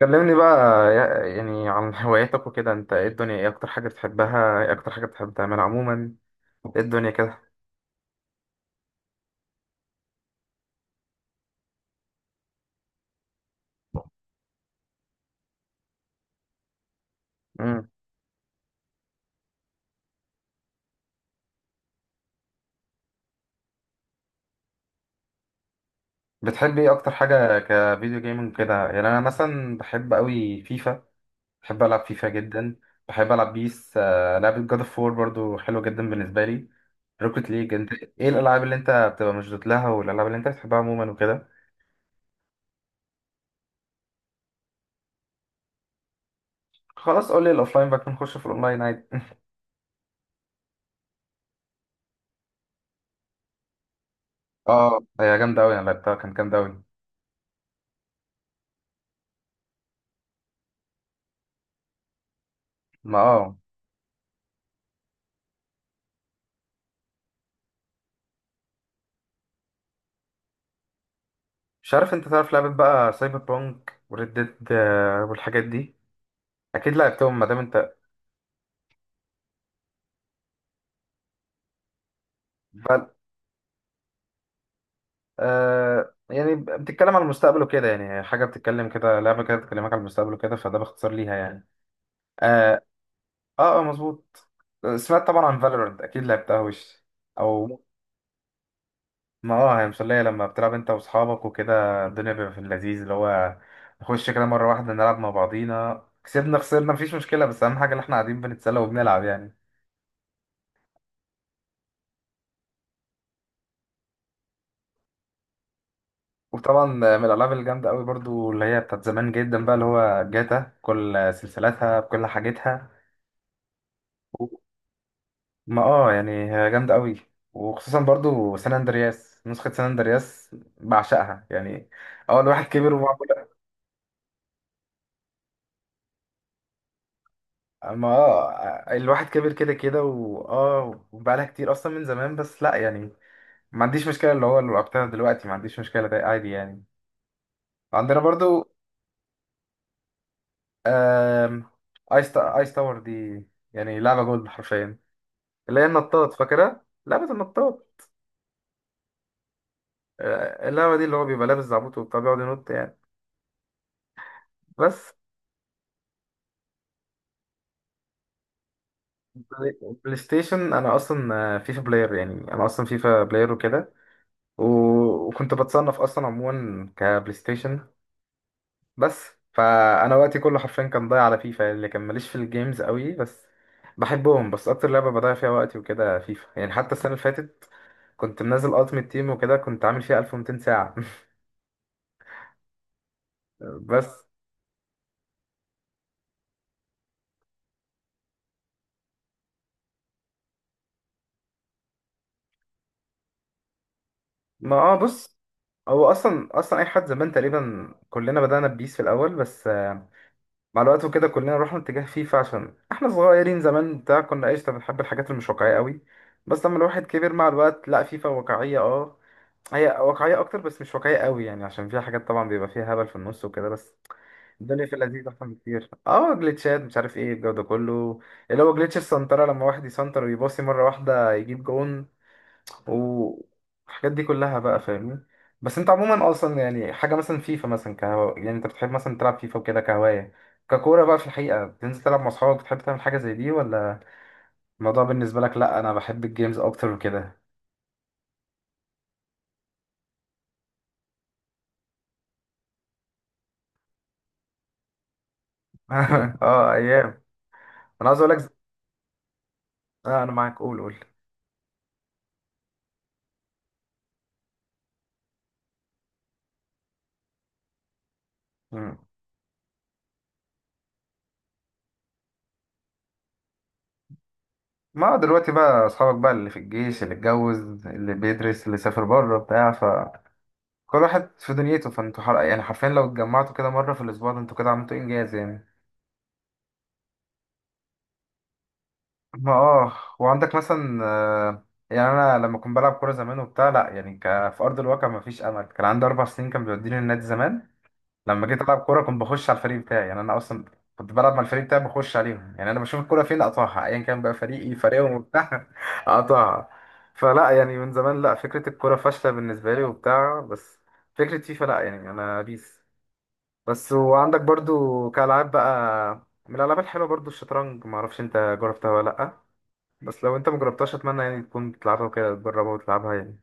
كلمني بقى يعني عن هواياتك وكده انت ايه الدنيا، ايه اكتر حاجة بتحبها، ايه اكتر حاجة بتحب تعملها عموما، ايه الدنيا كده. امم بتحب ايه اكتر حاجة كفيديو جيمنج كده يعني؟ انا مثلا بحب قوي فيفا، بحب العب فيفا جدا، بحب العب بيس. لعبة جاد اوف وور برضو حلوة جدا بالنسبة لي، روكيت ليج. انت ايه الالعاب اللي انت بتبقى مشدود لها والالعاب اللي انت بتحبها عموما وكده؟ خلاص قول لي الاوفلاين بقى، نخش في الاونلاين عادي. اه هي جامدة قوي، انا لعبتها كانت جامدة قوي. ما اه، مش عارف انت تعرف لعبة بقى سايبر بانك وريد ديد والحاجات دي. اكيد لعبتهم ما دام انت. بل... آه يعني بتتكلم على المستقبل وكده، يعني حاجة بتتكلم كده، لعبة كده بتكلمك على المستقبل وكده، فده باختصار ليها يعني. اه، مظبوط. سمعت طبعا عن فالورنت، اكيد لعبتها وش او. ما اه هي مسلية لما بتلعب انت واصحابك وكده، الدنيا بيبقى في اللذيذ اللي هو نخش كده مرة واحدة نلعب مع بعضينا، كسبنا خسرنا مفيش مشكلة، بس أهم حاجة إن إحنا قاعدين بنتسلى وبنلعب يعني. وطبعا من الالعاب الجامده قوي برضو اللي هي بتاعت زمان جدا بقى اللي هو جاتا، كل سلسلتها بكل حاجتها. ما اه يعني هي جامده قوي، وخصوصا برضو سان اندرياس، نسخه سان اندرياس بعشقها يعني. اه الواحد كبر وبقى، ما اه الواحد كبر كده كده واه، وبقالها كتير اصلا من زمان، بس لا يعني ما عنديش مشكله، اللي هو اللي لعبتها دلوقتي ما عنديش مشكله، ده عادي يعني. عندنا برضو آم، ايس تاور دي، يعني لعبه جولد حرفيا، اللي هي النطاط، فاكرها لعبة النطاط؟ اللعبة دي اللي هو بيبقى لابس زعبوط وبتاع بيقعد ينط يعني. بس بلاي بلاي ستيشن، أنا أصلا فيفا بلاير، يعني أنا أصلا فيفا بلاير وكده، و- وكنت بتصنف أصلا عموما كبلاي ستيشن بس. فأنا وقتي كله حرفيا كان ضايع على فيفا، اللي كان ماليش في الجيمز قوي بس بحبهم، بس أكتر لعبة بضيع فيها وقتي وكده فيفا يعني. حتى السنة اللي فاتت كنت منزل ألتيمت تيم وكده، كنت عامل فيها 1200 ساعة. بس ما اه بص، هو اصلا اي حد زمان تقريبا كلنا بدأنا ببيس في الاول، بس مع الوقت وكده كلنا رحنا اتجاه فيفا عشان احنا صغيرين زمان بتاع كنا قشطة بنحب الحاجات اللي مش واقعية قوي. بس لما الواحد كبر مع الوقت لا، فيفا واقعية اه، هي واقعية اكتر، بس مش واقعية قوي يعني، عشان فيها حاجات طبعا بيبقى فيها هبل في النص وكده بس. الدنيا في اللذيذ احسن بكتير. اه جليتشات، مش عارف ايه الجو ده كله، اللي هو جليتش السنترة، لما واحد يسنتر ويباصي مرة واحدة يجيب جون، والحاجات دي كلها بقى، فاهمني؟ بس انت عموما اصلا يعني حاجه مثلا فيفا مثلا يعني انت بتحب مثلا تلعب فيفا وكده كهوايه، ككوره بقى في الحقيقه بتنزل تلعب مع اصحابك؟ بتحب تعمل حاجه زي دي ولا الموضوع بالنسبه لك لا انا بحب الجيمز اكتر وكده؟ اه ايام. انا عايز اقول لك، آه انا معاك، قول قول. مم. ما هو دلوقتي بقى اصحابك بقى اللي في الجيش، اللي اتجوز، اللي بيدرس، اللي سافر بره بتاع، فكل واحد في دنيته، يعني حرفيا لو اتجمعتوا كده مره في الاسبوع، ده انتوا كده عملتوا انجاز يعني. ما اه، وعندك مثلا يعني انا لما كنت بلعب كوره زمان وبتاع لا يعني في ارض الواقع ما فيش امل. كان عندي اربع سنين كان بيوديني النادي زمان، لما جيت العب كوره كنت بخش على الفريق بتاعي يعني، انا اصلا كنت بلعب مع الفريق بتاعي بخش عليهم، يعني انا بشوف الكوره فين اقطعها، ايا كان بقى فريقي فريقهم وبتاع اقطعها. فلا يعني من زمان لا، فكره الكوره فاشله بالنسبه لي وبتاع، بس فكره فيفا لا يعني، انا بيس بس. وعندك برضو كالعاب بقى، من الالعاب الحلوه برضو الشطرنج، ما اعرفش انت جربتها ولا لا، بس لو انت مجربتهاش اتمنى يعني تكون بتلعبها كده، تجربها وتلعبها يعني.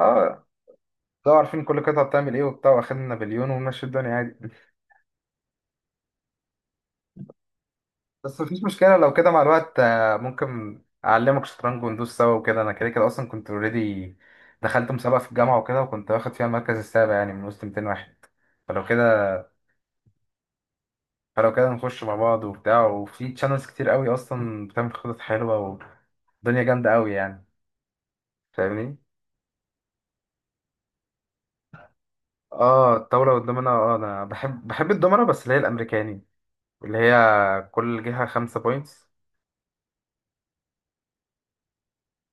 اه لو عارفين كل قطعة بتعمل ايه وبتاع، واخدنا نابليون ومشي الدنيا عادي. بس مفيش مشكلة، لو كده مع الوقت ممكن أعلمك شطرنج وندوس سوا وكده. أنا كده كده أصلا كنت اوريدي، دخلت مسابقة في الجامعة وكده، وكنت واخد فيها المركز السابع يعني من وسط 200 واحد. فلو كده فلو كده نخش مع بعض وبتاع، وفي تشانلز كتير قوي أصلا بتعمل خطط حلوة، والدنيا جامدة قوي يعني، فاهمني؟ اه الطاولة والدومينة، اه أنا بحب الدومينة بس اللي هي الأمريكاني، اللي هي كل جهة خمسة بوينتس.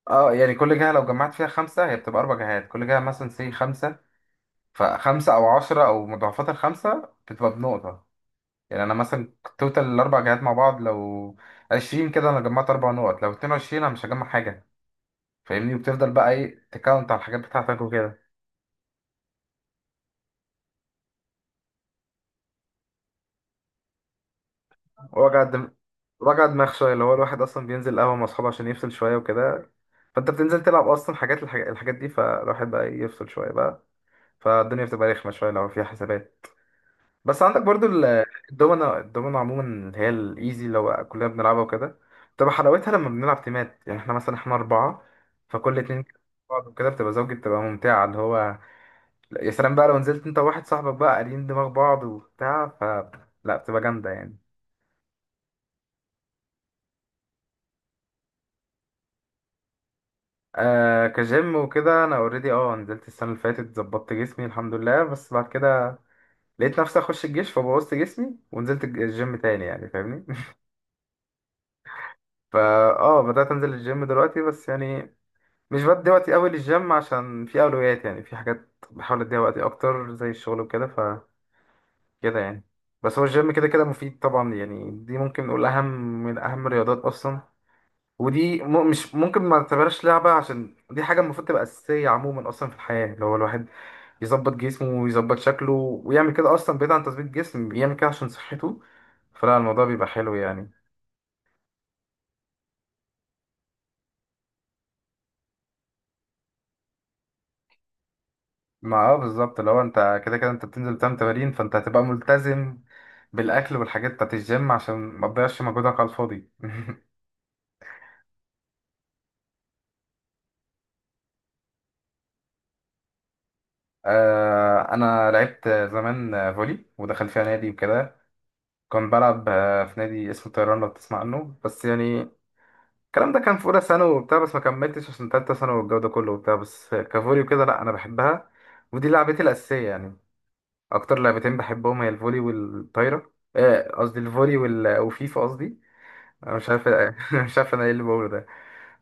اه يعني كل جهة لو جمعت فيها خمسة، هي بتبقى أربع جهات، كل جهة مثلا سي خمسة، فخمسة أو عشرة أو مضاعفات الخمسة بتبقى بنقطة، يعني أنا مثلا توتال الأربع جهات مع بعض لو عشرين كده أنا جمعت أربع نقط، لو اتنين وعشرين أنا مش هجمع حاجة، فاهمني؟ وبتفضل بقى إيه تكاونت على الحاجات بتاعتك وكده. وجع الدم، وجع دماغ شوية، اللي هو الواحد أصلا بينزل قهوة مع أصحابه عشان يفصل شوية وكده، فأنت بتنزل تلعب أصلا حاجات الحاجات الحاجات دي، فالواحد بقى إيه، يفصل شوية بقى، فالدنيا بتبقى رخمة شوية لو فيها حسابات. بس عندك برضو الدومنة عموما اللي هي الإيزي لو كلنا بنلعبها وكده، بتبقى حلاوتها لما بنلعب تيمات، يعني احنا مثلا احنا أربعة فكل اتنين بعض وكده بتبقى زوجي، بتبقى ممتعة اللي هو لا، يا سلام بقى لو نزلت انت وواحد صاحبك بقى قاريين دماغ بعض وبتاع، ف لا بتبقى جامدة يعني. آه كجيم وكده انا اوريدي اه نزلت السنة اللي فاتت، ظبطت جسمي الحمد لله، بس بعد كده لقيت نفسي اخش الجيش فبوظت جسمي، ونزلت الجيم تاني يعني، فاهمني؟ فا اه بدأت انزل الجيم دلوقتي بس يعني، مش بدي وقتي قوي للجيم عشان في اولويات، يعني في حاجات بحاول اديها وقتي اكتر زي الشغل وكده، فكده يعني. بس هو الجيم كده كده مفيد طبعا يعني، دي ممكن نقول اهم من اهم الرياضات اصلا، ودي مش ممكن ما تعتبرش لعبة، عشان دي حاجة المفروض تبقى أساسية عموما أصلا في الحياة، اللي هو الواحد يظبط جسمه ويظبط شكله ويعمل كده، أصلا بعيد عن تظبيط جسم يعمل كده عشان صحته، فلا الموضوع بيبقى حلو يعني. ما اه بالظبط، لو انت كده كده انت بتنزل تعمل تمارين فانت هتبقى ملتزم بالاكل والحاجات بتاعت الجيم عشان ما تضيعش مجهودك على الفاضي. انا لعبت زمان فولي، ودخل فيها نادي وكده، كنت بلعب في نادي اسمه طيران لو تسمع عنه بس يعني. الكلام ده كان في اولى ثانوي وبتاع، بس ما كملتش عشان تالتة ثانوي والجو ده كله وبتاع، بس كفولي وكده لا انا بحبها، ودي لعبتي الاساسيه يعني. اكتر لعبتين بحبهم هي الفولي والطايره قصدي الفولي وفيفا قصدي، انا مش عارف، أنا مش عارف انا ايه اللي بقوله ده.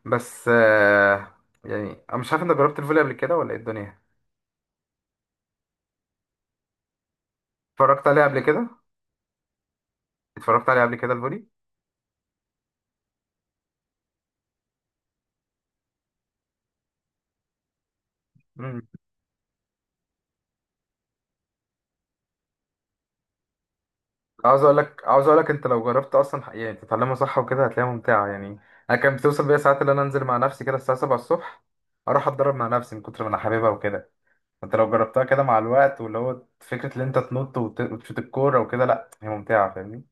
بس يعني انا مش عارف انت جربت الفولي قبل كده ولا ايه الدنيا؟ اتفرجت عليه قبل كده، اتفرجت عليه قبل كده الفولي. امم عاوز اقول لك، عاوز اقول لك انت لو جربت اصلا يعني تتعلمها صح وكده، هتلاقيها ممتعه يعني. انا كان بتوصل بيا ساعات اللي انا انزل مع نفسي كده الساعه 7 الصبح، اروح اتدرب مع نفسي من كتر ما انا حاببها وكده. انت لو جربتها كده مع الوقت، واللي هو فكره ان انت تنط وتشوت الكوره وكده، لا هي ممتعه فاهمني؟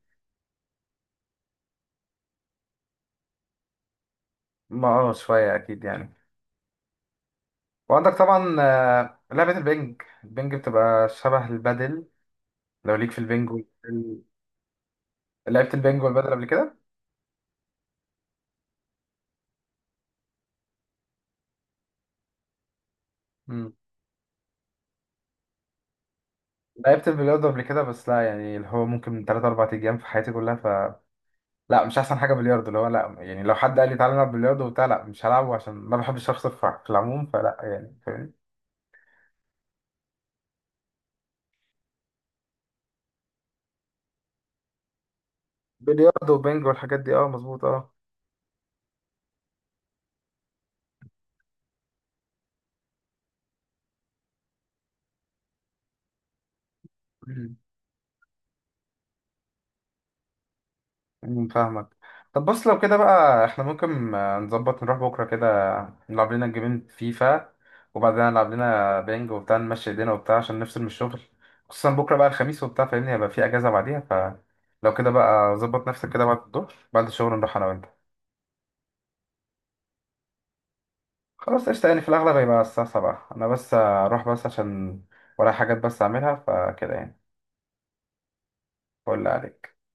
ما اه شويه اكيد يعني. وعندك طبعا لعبة البنج، البنج بتبقى شبه البادل، لو ليك في البنج لعبت البنج والبادل قبل كده؟ مم. لعبت البلياردو قبل كده بس لا يعني، اللي هو ممكن من 3 4 ايام في حياتي كلها، ف لا مش احسن حاجة بلياردو، اللي هو لا يعني لو حد قال لي تعالى نلعب بلياردو وبتاع لا مش هلعبه، عشان ما بحبش اخسر في العموم، فلا يعني فاهمني. بلياردو وبنج والحاجات دي، اه مظبوط. اه مم، فاهمك. طب بص لو كده بقى، احنا ممكن نظبط نروح بكرة كده، نلعب لنا جيمين فيفا، وبعدين نلعب لنا بينج وبتاع، نمشي ايدينا وبتاع عشان نفصل من الشغل، خصوصا بكرة بقى الخميس وبتاع فاهمني، هيبقى في اجازة بعديها. فلو كده بقى ظبط نفسك كده بعد الظهر بعد الشغل، نروح انا وانت. خلاص قشطة، يعني في الأغلب هيبقى الساعة 7 أنا بس، أروح بس عشان ورايا حاجات بس أعملها، فكده يعني. فل عليك.